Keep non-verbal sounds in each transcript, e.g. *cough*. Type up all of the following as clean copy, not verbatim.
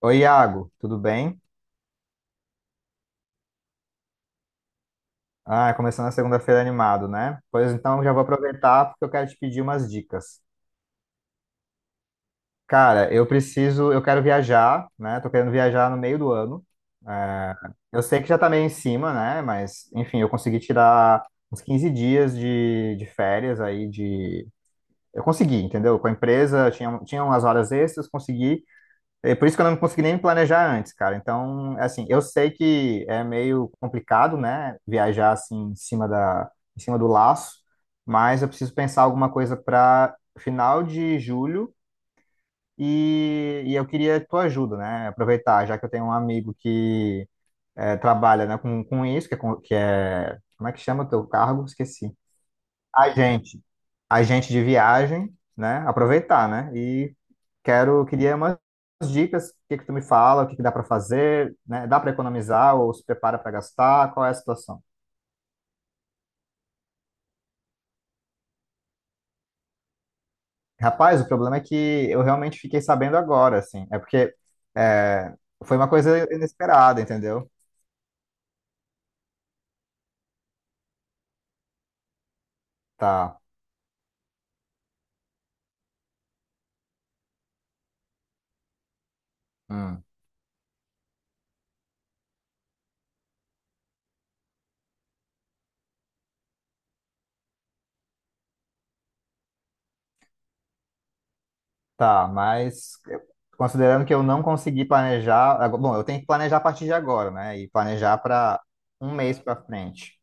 Oi, Iago, tudo bem? Ah, começando a segunda-feira animado, né? Pois então já vou aproveitar porque eu quero te pedir umas dicas. Cara, eu quero viajar, né? Tô querendo viajar no meio do ano. É, eu sei que já tá meio em cima, né? Mas, enfim, eu consegui tirar uns 15 dias de férias aí de. Eu consegui, entendeu? Com a empresa, tinha umas horas extras, consegui. É por isso que eu não consegui nem me planejar antes, cara. Então, é assim, eu sei que é meio complicado, né, viajar assim em cima do laço, mas eu preciso pensar alguma coisa para final de julho e eu queria tua ajuda, né? Aproveitar, já que eu tenho um amigo que é, trabalha, né, com isso, que é, com- que é, como é que chama o teu cargo? Esqueci a gente, a gente de viagem, né? Aproveitar, né? E queria umas dicas, o que que tu me fala, o que que dá para fazer, né? Dá para economizar ou se prepara para gastar? Qual é a situação? Rapaz, o problema é que eu realmente fiquei sabendo agora, assim. É porque é, foi uma coisa inesperada, entendeu? Tá. Hum. Tá, mas eu- considerando que eu não consegui planejar, agora- bom, eu tenho que planejar a partir de agora, né? E planejar para um mês para frente.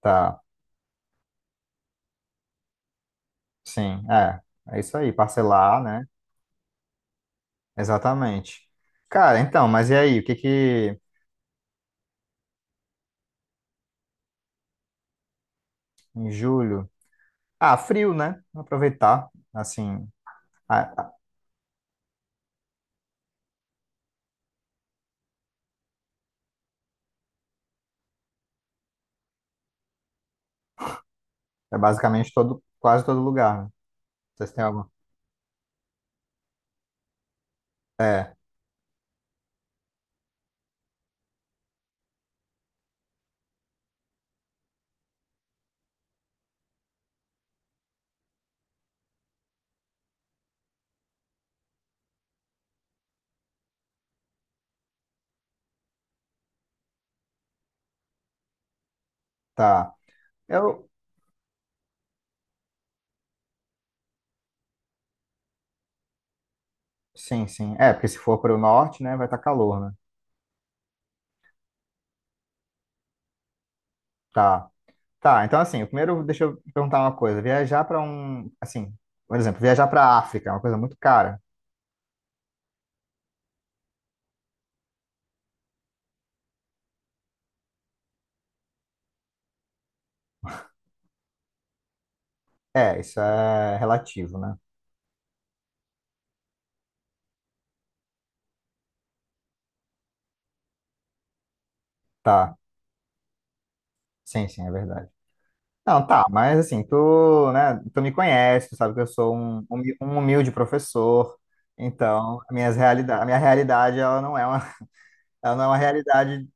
Tá. Sim, é. É isso aí, parcelar, né? Exatamente. Cara, então, mas e aí? O que que em julho? Ah, frio, né? Aproveitar, assim, a- é basicamente todo, quase todo lugar, né? Vocês têm alguma? É, tá. Eu, sim, sim. É, porque se for para o norte, né, vai estar calor, né? Tá. Tá, então assim, o primeiro deixa eu perguntar uma coisa. Viajar para um, assim, por exemplo, viajar para a África é uma coisa muito cara. É, isso é relativo, né? Tá. Sim, sim, é verdade. Não, tá, mas assim, tu, né, tu me conhece, tu sabe que eu sou um, humi- um humilde professor, então as minhas realida a minha realidade, ela não é uma, *laughs* ela não é uma realidade,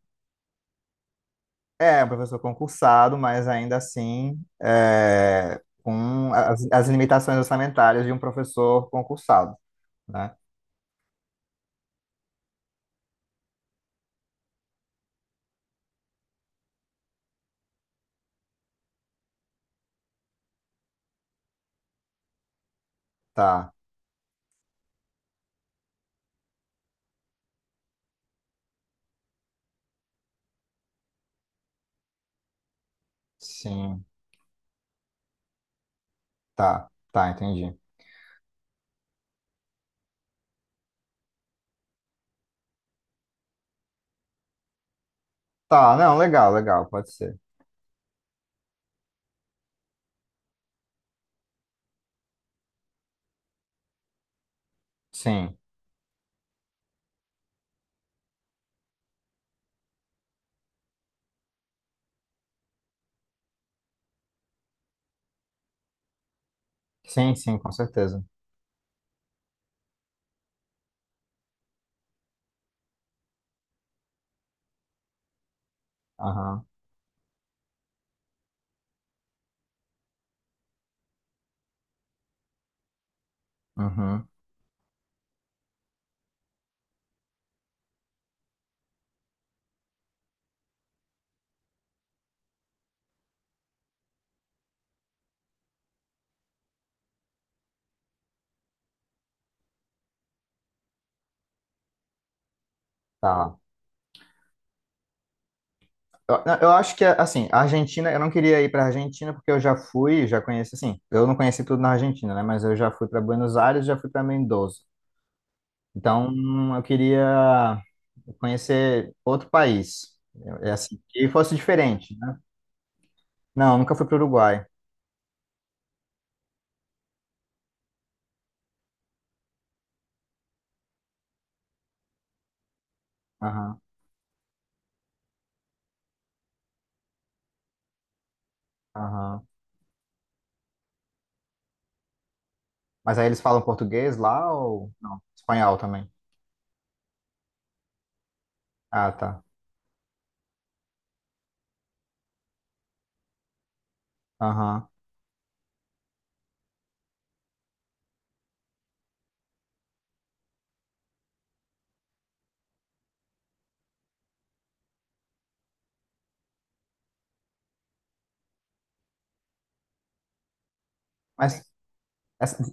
é, um professor concursado, mas ainda assim, é, as limitações orçamentárias de um professor concursado, né? Tá, sim, tá, tá, entendi. Tá, não, legal, legal, pode ser. Sim, sim, sim, com certeza. Aham, uhum, tá. Eu, não, eu acho que, assim, a Argentina, eu não queria ir para a Argentina porque eu já fui, já conheci, assim, eu não conheci tudo na Argentina, né? Mas eu já fui para Buenos Aires, já fui para Mendoza. Então, eu queria conhecer outro país, é assim, que fosse diferente, né? Não, eu nunca fui para o Uruguai. Aham, aham. Mas aí eles falam português lá ou não? Espanhol também. Ah, tá. Aham. Mas essa-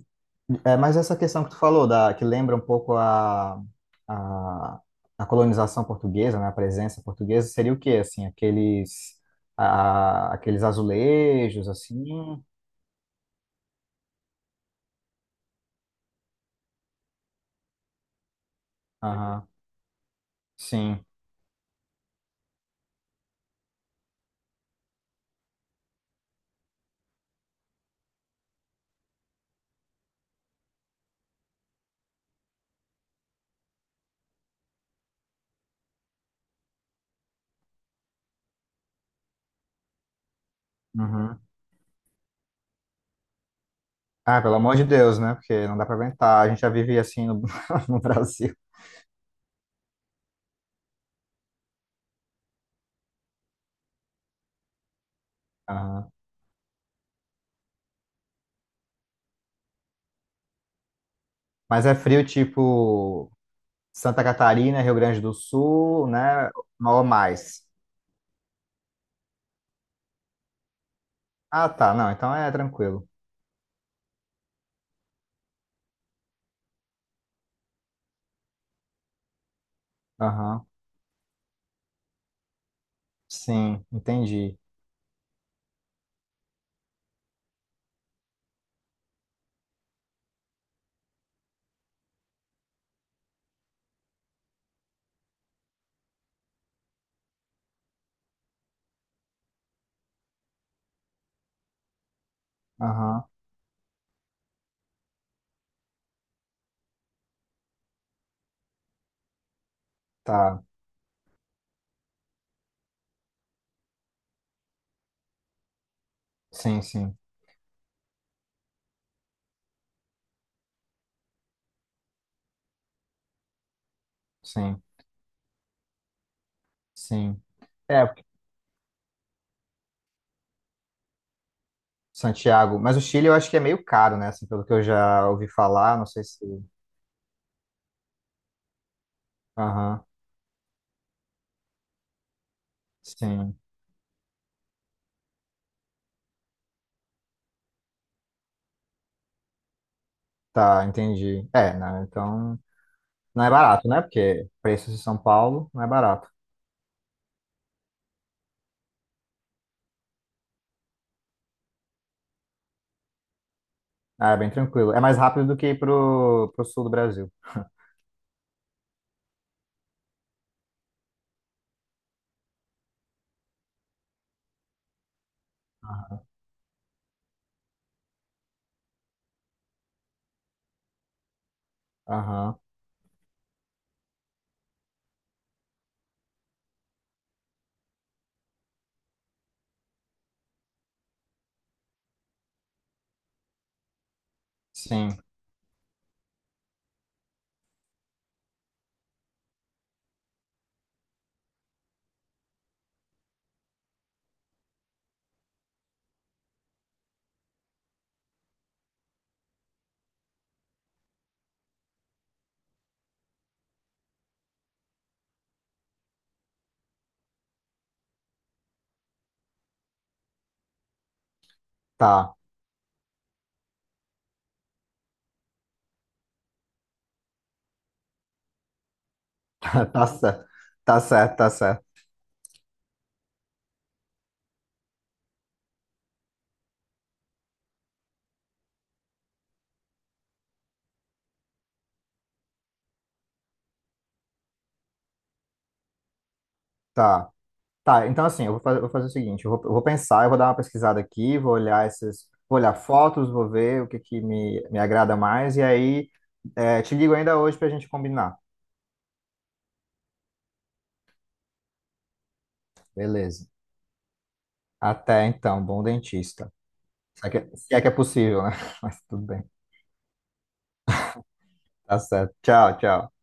É, mas essa questão que tu falou, da, que lembra um pouco a, a colonização portuguesa, né, a presença portuguesa, seria o quê? Assim, aqueles, aqueles azulejos, assim? Aham, sim. Uhum. Ah, pelo amor de Deus, né? Porque não dá para aguentar. A gente já vive assim *laughs* no Brasil. Aham. Mas é frio tipo Santa Catarina, Rio Grande do Sul, né? Ou mais. Ah, tá. Não, então é tranquilo. Aham, sim, entendi. Aham. Tá, sim, sim, sim, sim. É, Santiago. Mas o Chile eu acho que é meio caro, né? Assim, pelo que eu já ouvi falar, não sei se. Aham, sim. Tá, entendi. É, né? Então, não é barato, né? Porque preços de São Paulo não é barato. Ah, é bem tranquilo. É mais rápido do que ir pro sul do Brasil. Aham, sim. Tá, *laughs* tá certo. Tá certo. Tá. Tá, então assim, vou fazer o seguinte, eu vou pensar, eu vou dar uma pesquisada aqui, vou olhar esses, vou olhar fotos, vou ver o que que me agrada mais, e aí é, te ligo ainda hoje pra gente combinar. Beleza. Até então, bom dentista. Se é que é possível, né? *laughs* Mas tudo bem. Tá certo. Tchau, tchau.